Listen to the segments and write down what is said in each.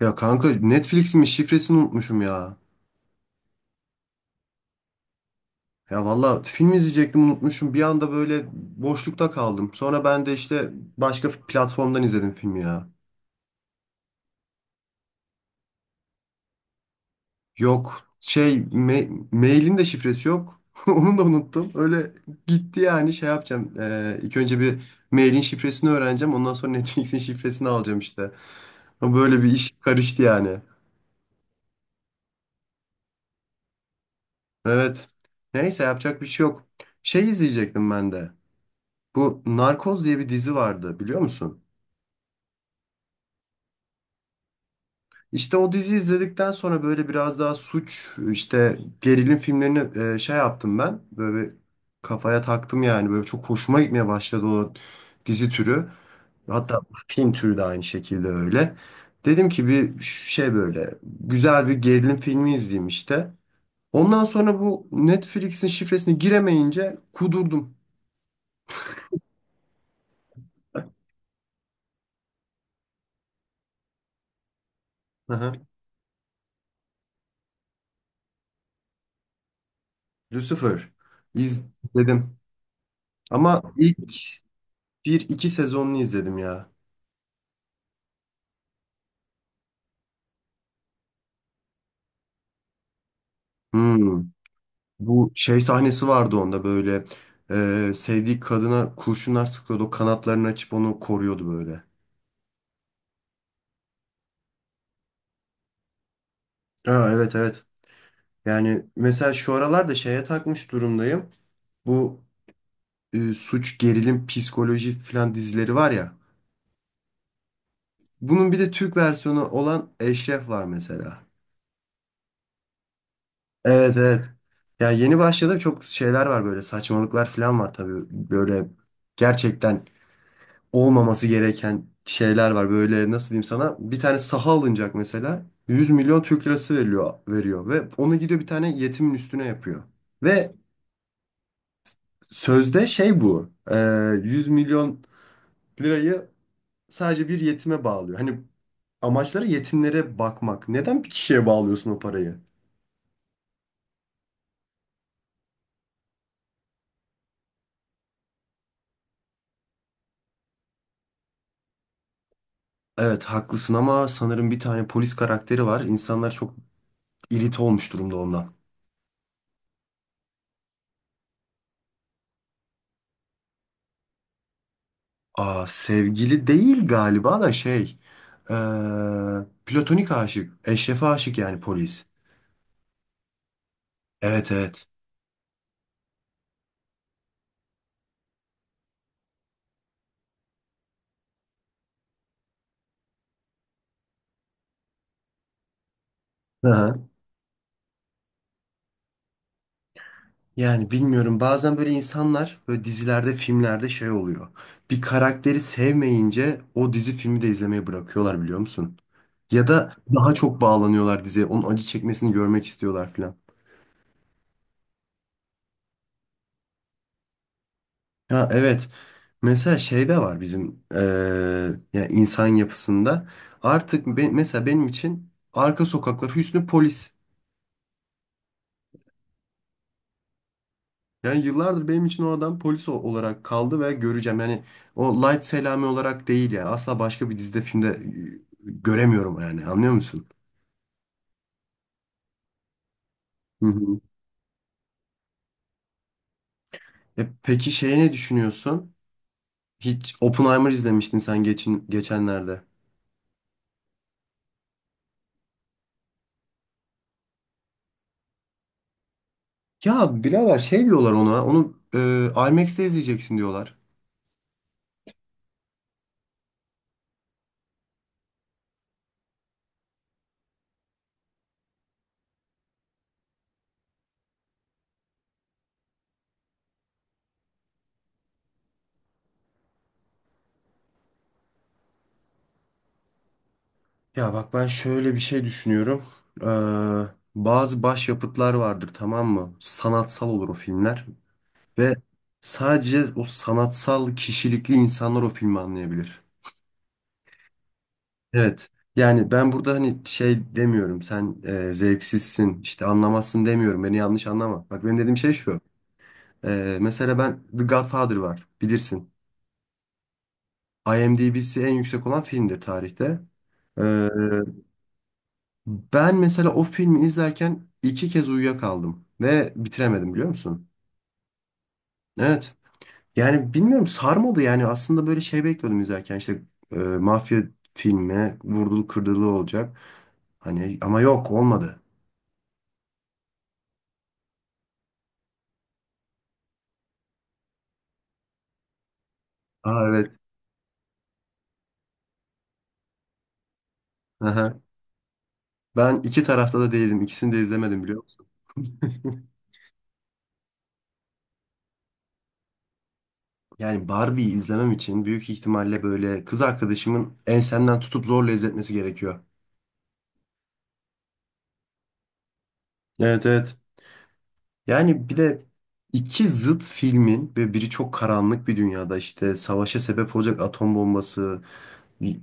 Ya kanka Netflix'imin şifresini unutmuşum ya. Ya valla film izleyecektim unutmuşum. Bir anda böyle boşlukta kaldım. Sonra ben de işte başka platformdan izledim filmi ya. Yok şey mailin de şifresi yok. Onu da unuttum. Öyle gitti yani şey yapacağım. İlk önce bir mailin şifresini öğreneceğim. Ondan sonra Netflix'in şifresini alacağım işte. Ama böyle bir iş karıştı yani. Evet. Neyse yapacak bir şey yok. Şey izleyecektim ben de. Bu Narkoz diye bir dizi vardı biliyor musun? İşte o dizi izledikten sonra böyle biraz daha suç, işte gerilim filmlerini şey yaptım ben. Böyle bir kafaya taktım yani. Böyle çok hoşuma gitmeye başladı o dizi türü. Hatta film türü de aynı şekilde öyle. Dedim ki bir şey böyle güzel bir gerilim filmi izleyeyim işte. Ondan sonra bu Netflix'in şifresini giremeyince kudurdum. Hı hı. Lucifer izledim. Ama ilk bir iki sezonunu izledim ya. Hmm. Bu şey sahnesi vardı onda böyle. Sevdiği kadına kurşunlar sıkıyordu. O kanatlarını açıp onu koruyordu böyle. Ha, evet evet. Yani mesela şu aralar da şeye takmış durumdayım. Bu suç, gerilim, psikoloji falan dizileri var ya. Bunun bir de Türk versiyonu olan Eşref var mesela. Evet evet. Ya yeni başladı çok şeyler var böyle saçmalıklar falan var tabii. Böyle gerçekten olmaması gereken şeyler var. Böyle nasıl diyeyim sana? Bir tane saha alınacak mesela. 100 milyon Türk lirası veriliyor, veriyor ve onu gidiyor bir tane yetimin üstüne yapıyor. Ve sözde şey bu. 100 milyon lirayı sadece bir yetime bağlıyor. Hani amaçları yetimlere bakmak. Neden bir kişiye bağlıyorsun o parayı? Evet haklısın ama sanırım bir tane polis karakteri var. İnsanlar çok irite olmuş durumda ondan. Aa, sevgili değil galiba da şey. eee, platonik aşık. Eşref'e aşık yani polis. Evet evet. Hı hı. Yani bilmiyorum bazen böyle insanlar böyle dizilerde filmlerde şey oluyor. Bir karakteri sevmeyince o dizi filmi de izlemeyi bırakıyorlar biliyor musun? Ya da daha çok bağlanıyorlar diziye. Onun acı çekmesini görmek istiyorlar filan. Ya evet. Mesela şey de var bizim yani insan yapısında. Artık mesela benim için Arka Sokaklar Hüsnü Polis. Yani yıllardır benim için o adam polis olarak kaldı ve göreceğim. Yani o Light Selami olarak değil ya. Asla başka bir dizide filmde göremiyorum yani. Anlıyor musun? Hı hı. E peki şeye ne düşünüyorsun? Hiç Oppenheimer izlemiştin sen geçenlerde. Ya birader şey diyorlar ona. Onu IMAX'te izleyeceksin diyorlar. Ya bak ben şöyle bir şey düşünüyorum. Ee, bazı başyapıtlar vardır tamam mı? Sanatsal olur o filmler. Ve sadece o sanatsal kişilikli insanlar o filmi anlayabilir. Evet. Yani ben burada hani şey demiyorum sen zevksizsin işte anlamazsın demiyorum beni yanlış anlama. Bak benim dediğim şey şu. Mesela ben The Godfather var bilirsin. IMDb'si en yüksek olan filmdir tarihte. E, ben mesela o filmi izlerken iki kez uyuyakaldım ve bitiremedim biliyor musun? Evet. Yani bilmiyorum sarmadı yani aslında böyle şey bekliyordum izlerken işte mafya filmi vurdulu kırdılı olacak. Hani ama yok olmadı. Aa evet. Aha. Ben iki tarafta da değilim. İkisini de izlemedim biliyor musun? Yani Barbie'yi izlemem için büyük ihtimalle böyle kız arkadaşımın ensemden tutup zorla izletmesi gerekiyor. Evet evet. Yani bir de iki zıt filmin ve biri çok karanlık bir dünyada işte savaşa sebep olacak atom bombası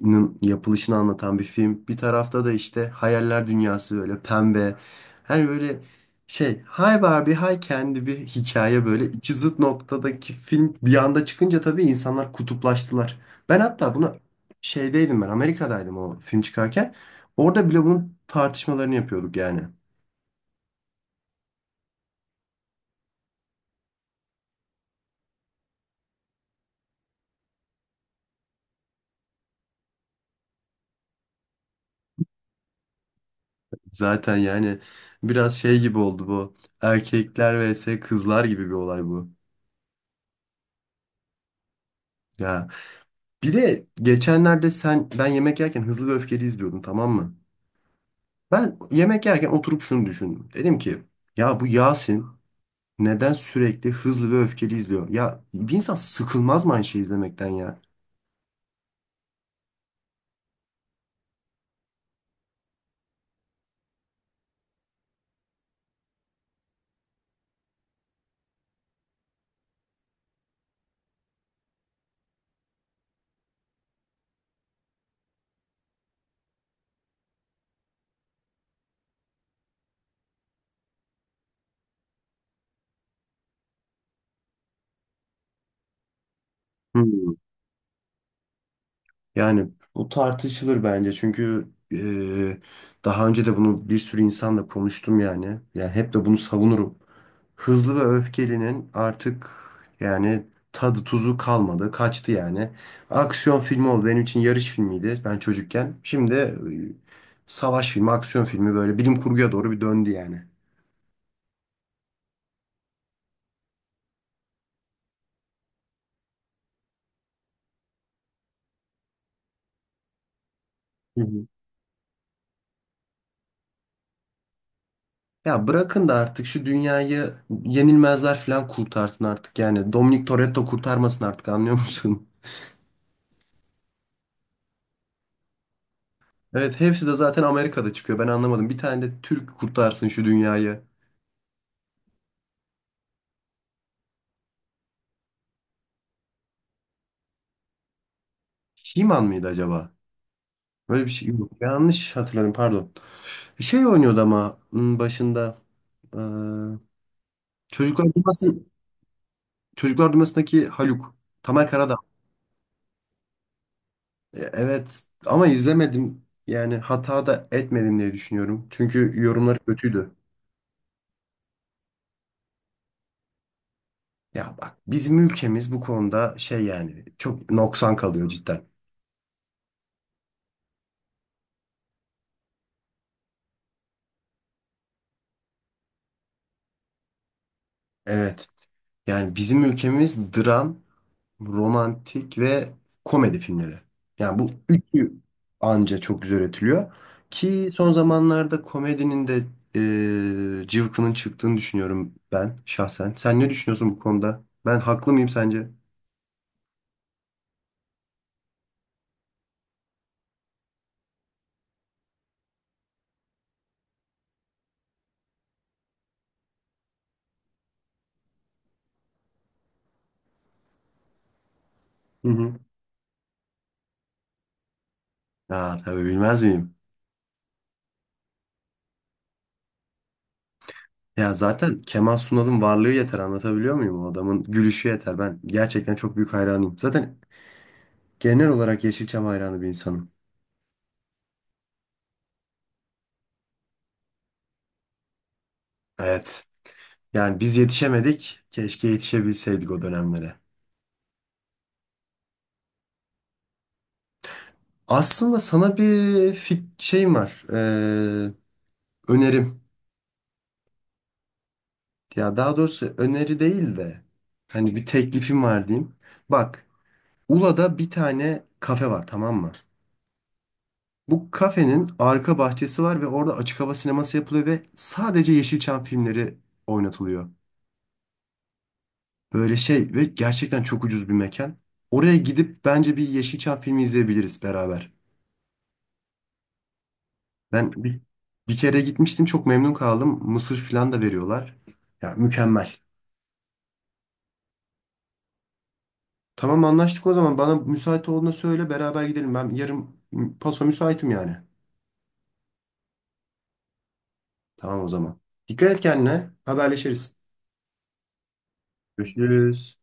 nın yapılışını anlatan bir film. Bir tarafta da işte hayaller dünyası böyle pembe. Hani böyle şey hay Barbie hay kendi bir hikaye böyle iki zıt noktadaki film bir anda çıkınca tabii insanlar kutuplaştılar. Ben hatta bunu şeydeydim ben Amerika'daydım o film çıkarken. Orada bile bunun tartışmalarını yapıyorduk yani. Zaten yani biraz şey gibi oldu bu. Erkekler vs kızlar gibi bir olay bu. Ya. Bir de geçenlerde sen ben yemek yerken Hızlı ve Öfkeli izliyordum tamam mı? Ben yemek yerken oturup şunu düşündüm. Dedim ki ya bu Yasin neden sürekli Hızlı ve Öfkeli izliyor? Ya bir insan sıkılmaz mı aynı şeyi izlemekten ya? Hmm. Yani bu tartışılır bence çünkü e, daha önce de bunu bir sürü insanla konuştum yani. Yani hep de bunu savunurum. Hızlı ve Öfkeli'nin artık yani tadı tuzu kalmadı. Kaçtı yani. Aksiyon filmi oldu. Benim için yarış filmiydi ben çocukken. Şimdi savaş filmi, aksiyon filmi böyle bilim kurguya doğru bir döndü yani. Hı hı. Ya bırakın da artık şu dünyayı yenilmezler falan kurtarsın artık yani. Dominic Toretto kurtarmasın artık anlıyor musun? Evet hepsi de zaten Amerika'da çıkıyor. Ben anlamadım. Bir tane de Türk kurtarsın şu dünyayı. Himan mıydı acaba? Böyle bir şey yok. Yanlış hatırladım pardon. Şey oynuyordu ama başında. Ee, Çocuklar Dünyası, Çocuklar Dünyası'ndaki Haluk. Tamer Karadağ. Evet ama izlemedim. Yani hata da etmedim diye düşünüyorum. Çünkü yorumları kötüydü. Ya bak bizim ülkemiz bu konuda şey yani çok noksan kalıyor cidden. Evet. Yani bizim ülkemiz dram romantik ve komedi filmleri. Yani bu üçü anca çok güzel üretiliyor. Ki son zamanlarda komedinin de cıvkının çıktığını düşünüyorum ben şahsen. Sen ne düşünüyorsun bu konuda? Ben haklı mıyım sence? Hı hı. Aa, tabii bilmez miyim? Ya zaten Kemal Sunal'ın varlığı yeter anlatabiliyor muyum? O adamın gülüşü yeter. Ben gerçekten çok büyük hayranıyım. Zaten genel olarak Yeşilçam hayranı bir insanım. Evet. Yani biz yetişemedik. Keşke yetişebilseydik o dönemlere. Aslında sana bir şeyim var. Önerim. Ya daha doğrusu öneri değil de hani bir teklifim var diyeyim. Bak, Ula'da bir tane kafe var tamam mı? Bu kafenin arka bahçesi var ve orada açık hava sineması yapılıyor ve sadece Yeşilçam filmleri oynatılıyor. Böyle şey ve gerçekten çok ucuz bir mekan. Oraya gidip bence bir Yeşilçam filmi izleyebiliriz beraber. Ben bir kere gitmiştim çok memnun kaldım. Mısır falan da veriyorlar. Ya mükemmel. Tamam anlaştık o zaman. Bana müsait olduğunda söyle beraber gidelim. Ben yarın paso müsaitim yani. Tamam o zaman. Dikkat et kendine. Haberleşiriz. Görüşürüz.